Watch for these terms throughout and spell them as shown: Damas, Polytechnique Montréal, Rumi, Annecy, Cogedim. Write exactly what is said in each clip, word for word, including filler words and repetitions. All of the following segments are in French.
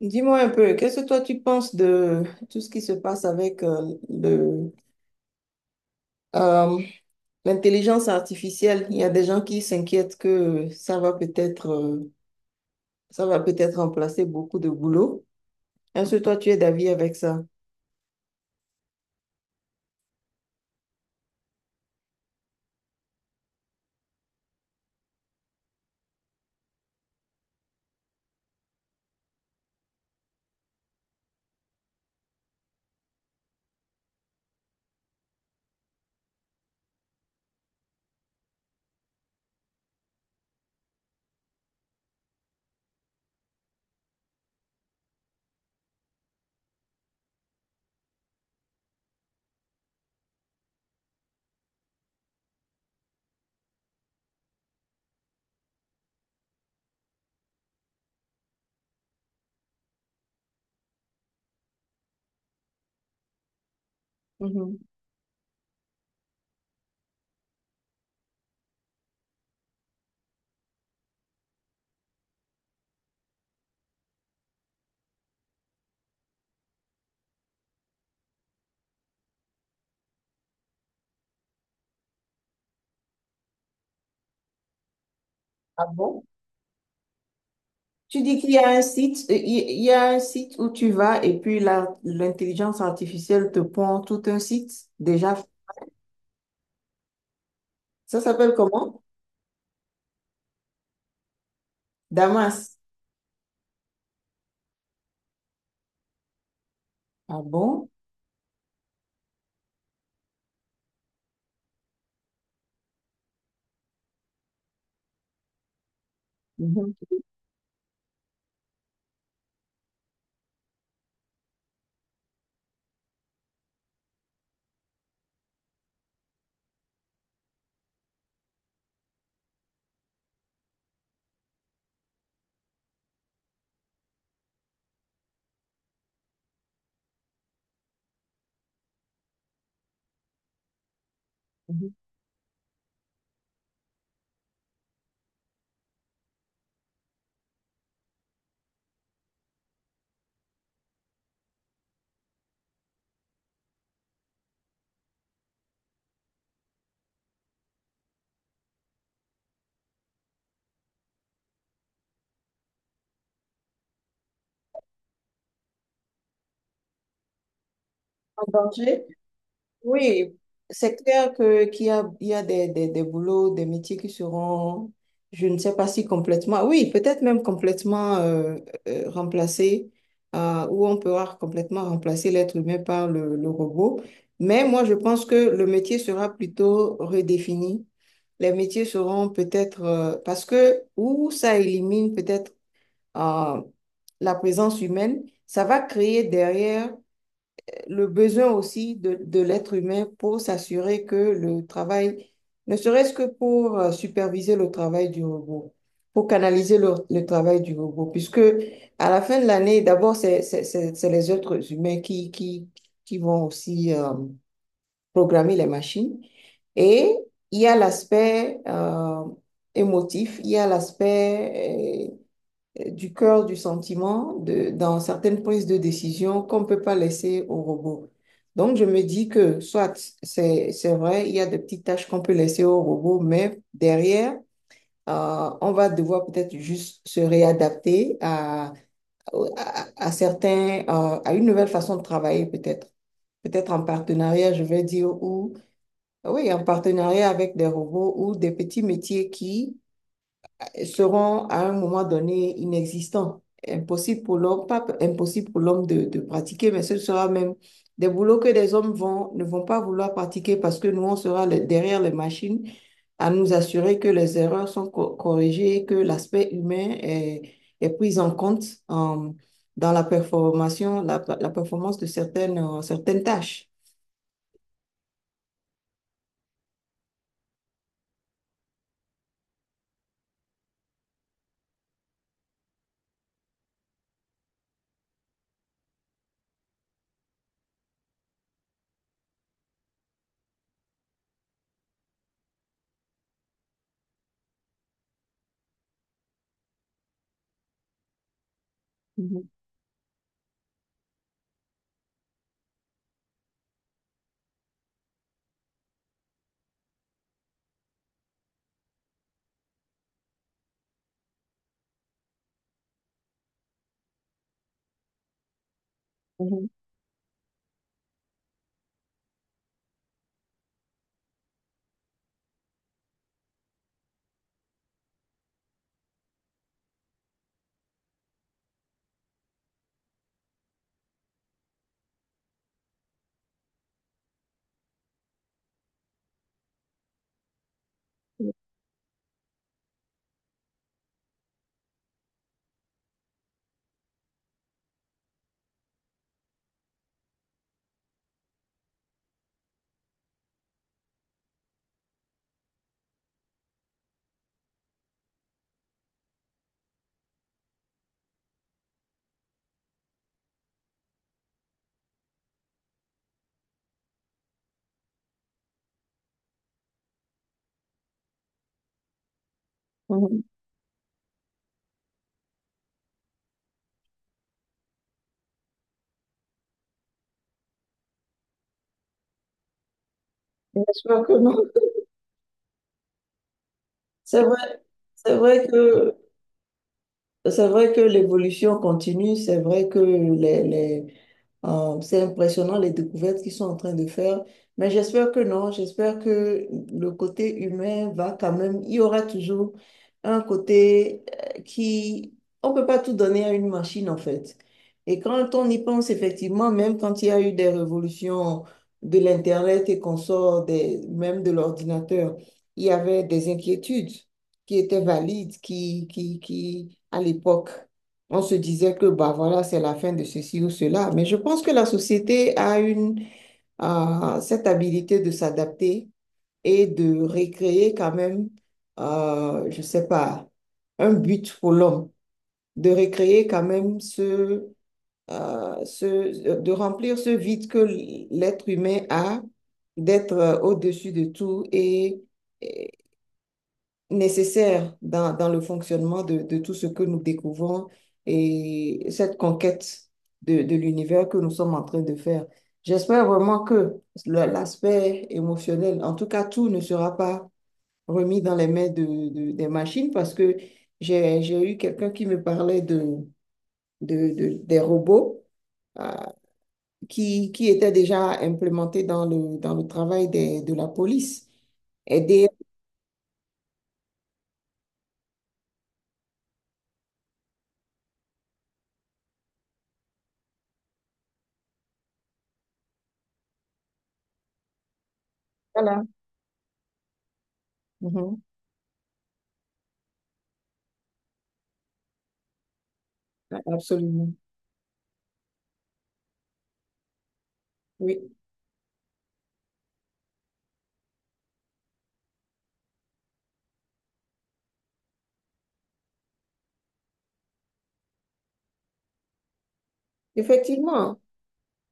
Dis-moi un peu, qu'est-ce que toi tu penses de tout ce qui se passe avec euh, le, euh, l'intelligence artificielle? Il y a des gens qui s'inquiètent que ça va peut-être euh, ça va peut-être remplacer beaucoup de boulot. Est-ce que toi tu es d'avis avec ça? Mhm. Ah bon? Tu dis qu'il y a un site, euh, il il y a un site où tu vas et puis la- l'intelligence artificielle te pond tout un site déjà. Ça s'appelle comment? Damas. Ah bon? Mhm. Mhm. En danger? Oui, c'est clair que qu'il y a, il y a des, des, des boulots, des métiers qui seront, je ne sais pas si complètement, oui, peut-être même complètement euh, euh, remplacés, euh, où on pourra complètement remplacer l'être humain par le, le robot. Mais moi, je pense que le métier sera plutôt redéfini. Les métiers seront peut-être, euh, parce que où ça élimine peut-être euh, la présence humaine, ça va créer derrière le besoin aussi de, de l'être humain pour s'assurer que le travail, ne serait-ce que pour euh, superviser le travail du robot, pour canaliser le, le travail du robot, puisque à la fin de l'année, d'abord, c'est, c'est, c'est- c'est les êtres humains qui, qui, qui vont aussi euh, programmer les machines. Et il y a l'aspect euh, émotif, il y a l'aspect euh, euh, du cœur, du sentiment, de, dans certaines prises de décision qu'on ne peut pas laisser au robot. Donc, je me dis que, soit, c'est, c'est vrai, il y a des petites tâches qu'on peut laisser au robot, mais derrière, euh, on va devoir peut-être juste se réadapter à, à, à certains, euh, à une nouvelle façon de travailler peut-être. Peut-être en partenariat, je vais dire, ou, oui, en partenariat avec des robots ou des petits métiers qui, seront à un moment donné inexistants. Impossible pour l'homme, pas impossible pour l'homme de, de pratiquer, mais ce sera même des boulots que des hommes vont, ne vont pas vouloir pratiquer parce que nous, on sera le- derrière les machines à nous assurer que les erreurs sont co- corrigées, que l'aspect humain est, est pris en compte en- dans la performance, la, la performance de certaines, euh, certaines tâches. Mhm. Mhm, mhm. Bien sûr que non. C'est vrai, c'est vrai que c'est vrai que l'évolution continue, c'est vrai que les, les, euh, c'est impressionnant les découvertes qu'ils sont en train de faire, mais j'espère que non, j'espère que le côté humain va quand même, il y aura toujours un côté euh, qui, on peut pas tout donner à une machine en fait. Et quand on y pense effectivement, même quand il y a eu des révolutions de l'Internet et qu'on sort des, même de l'ordinateur, il y avait des inquiétudes qui étaient valides, qui, qui, qui, à l'époque, on se disait que, bah voilà, c'est la fin de ceci ou cela. Mais je pense que la société a une, euh, cette habilité de s'adapter et de recréer quand même, euh, je ne sais pas, un but pour l'homme, de recréer quand même ce, euh, ce, de remplir ce vide que l'être humain a, d'être euh, au-dessus de tout et nécessaire dans, dans le fonctionnement de, de tout ce que nous découvrons et cette conquête de, de l'univers que nous sommes en train de faire. J'espère vraiment que l'aspect émotionnel, en tout cas, tout ne sera pas remis dans les mains de, de- des machines parce que j'ai, j'ai eu quelqu'un qui me parlait de, de, de- des robots euh, qui, qui étaient déjà implémentés dans le, dans le travail des, de la police. Aider, voilà. Mhm. Absolument. Oui. Effectivement.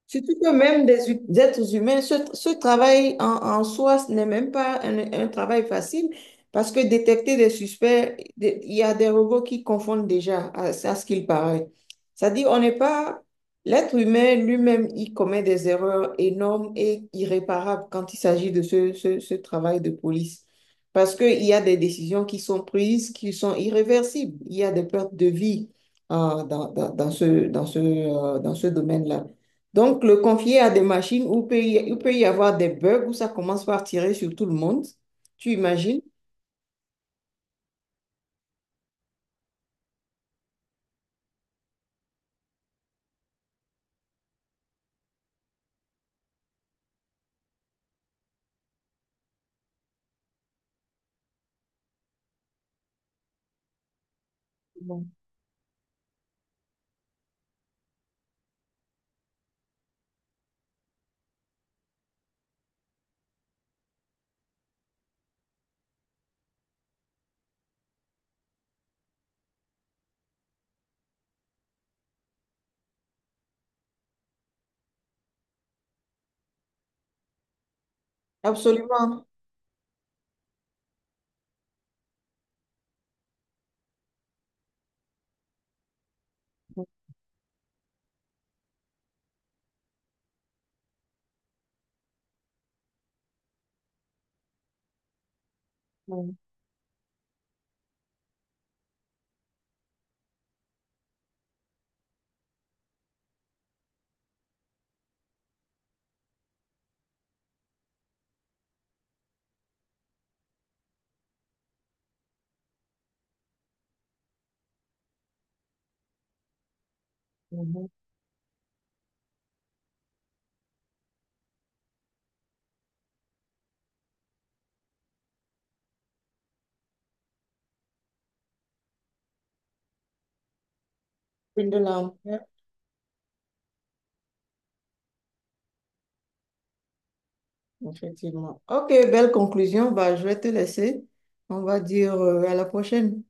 Surtout que même des, hu- des êtres humains, ce, ce travail en, en soi, ce n'est même pas un, un travail facile parce que détecter des suspects, des- il y a des robots qui confondent déjà à, à ce qu'il paraît. C'est-à-dire, on n'est pas... L'être humain lui-même, il commet des erreurs énormes et irréparables quand il s'agit de ce, ce, ce travail de police. Parce qu'il y a des décisions qui sont prises, qui sont irréversibles. Il y a des pertes de vie euh, dans, dans, dans ce, dans ce, euh, dans ce domaine-là. Donc, le confier à des machines où peut y- il peut y avoir des bugs, où ça commence par tirer sur tout le monde. Tu imagines? Mhm. Absolument. Mhm. Mhm. Une de l'enfer, effectivement. Ok, belle conclusion. Bah, je vais te laisser. On va dire euh, à la prochaine.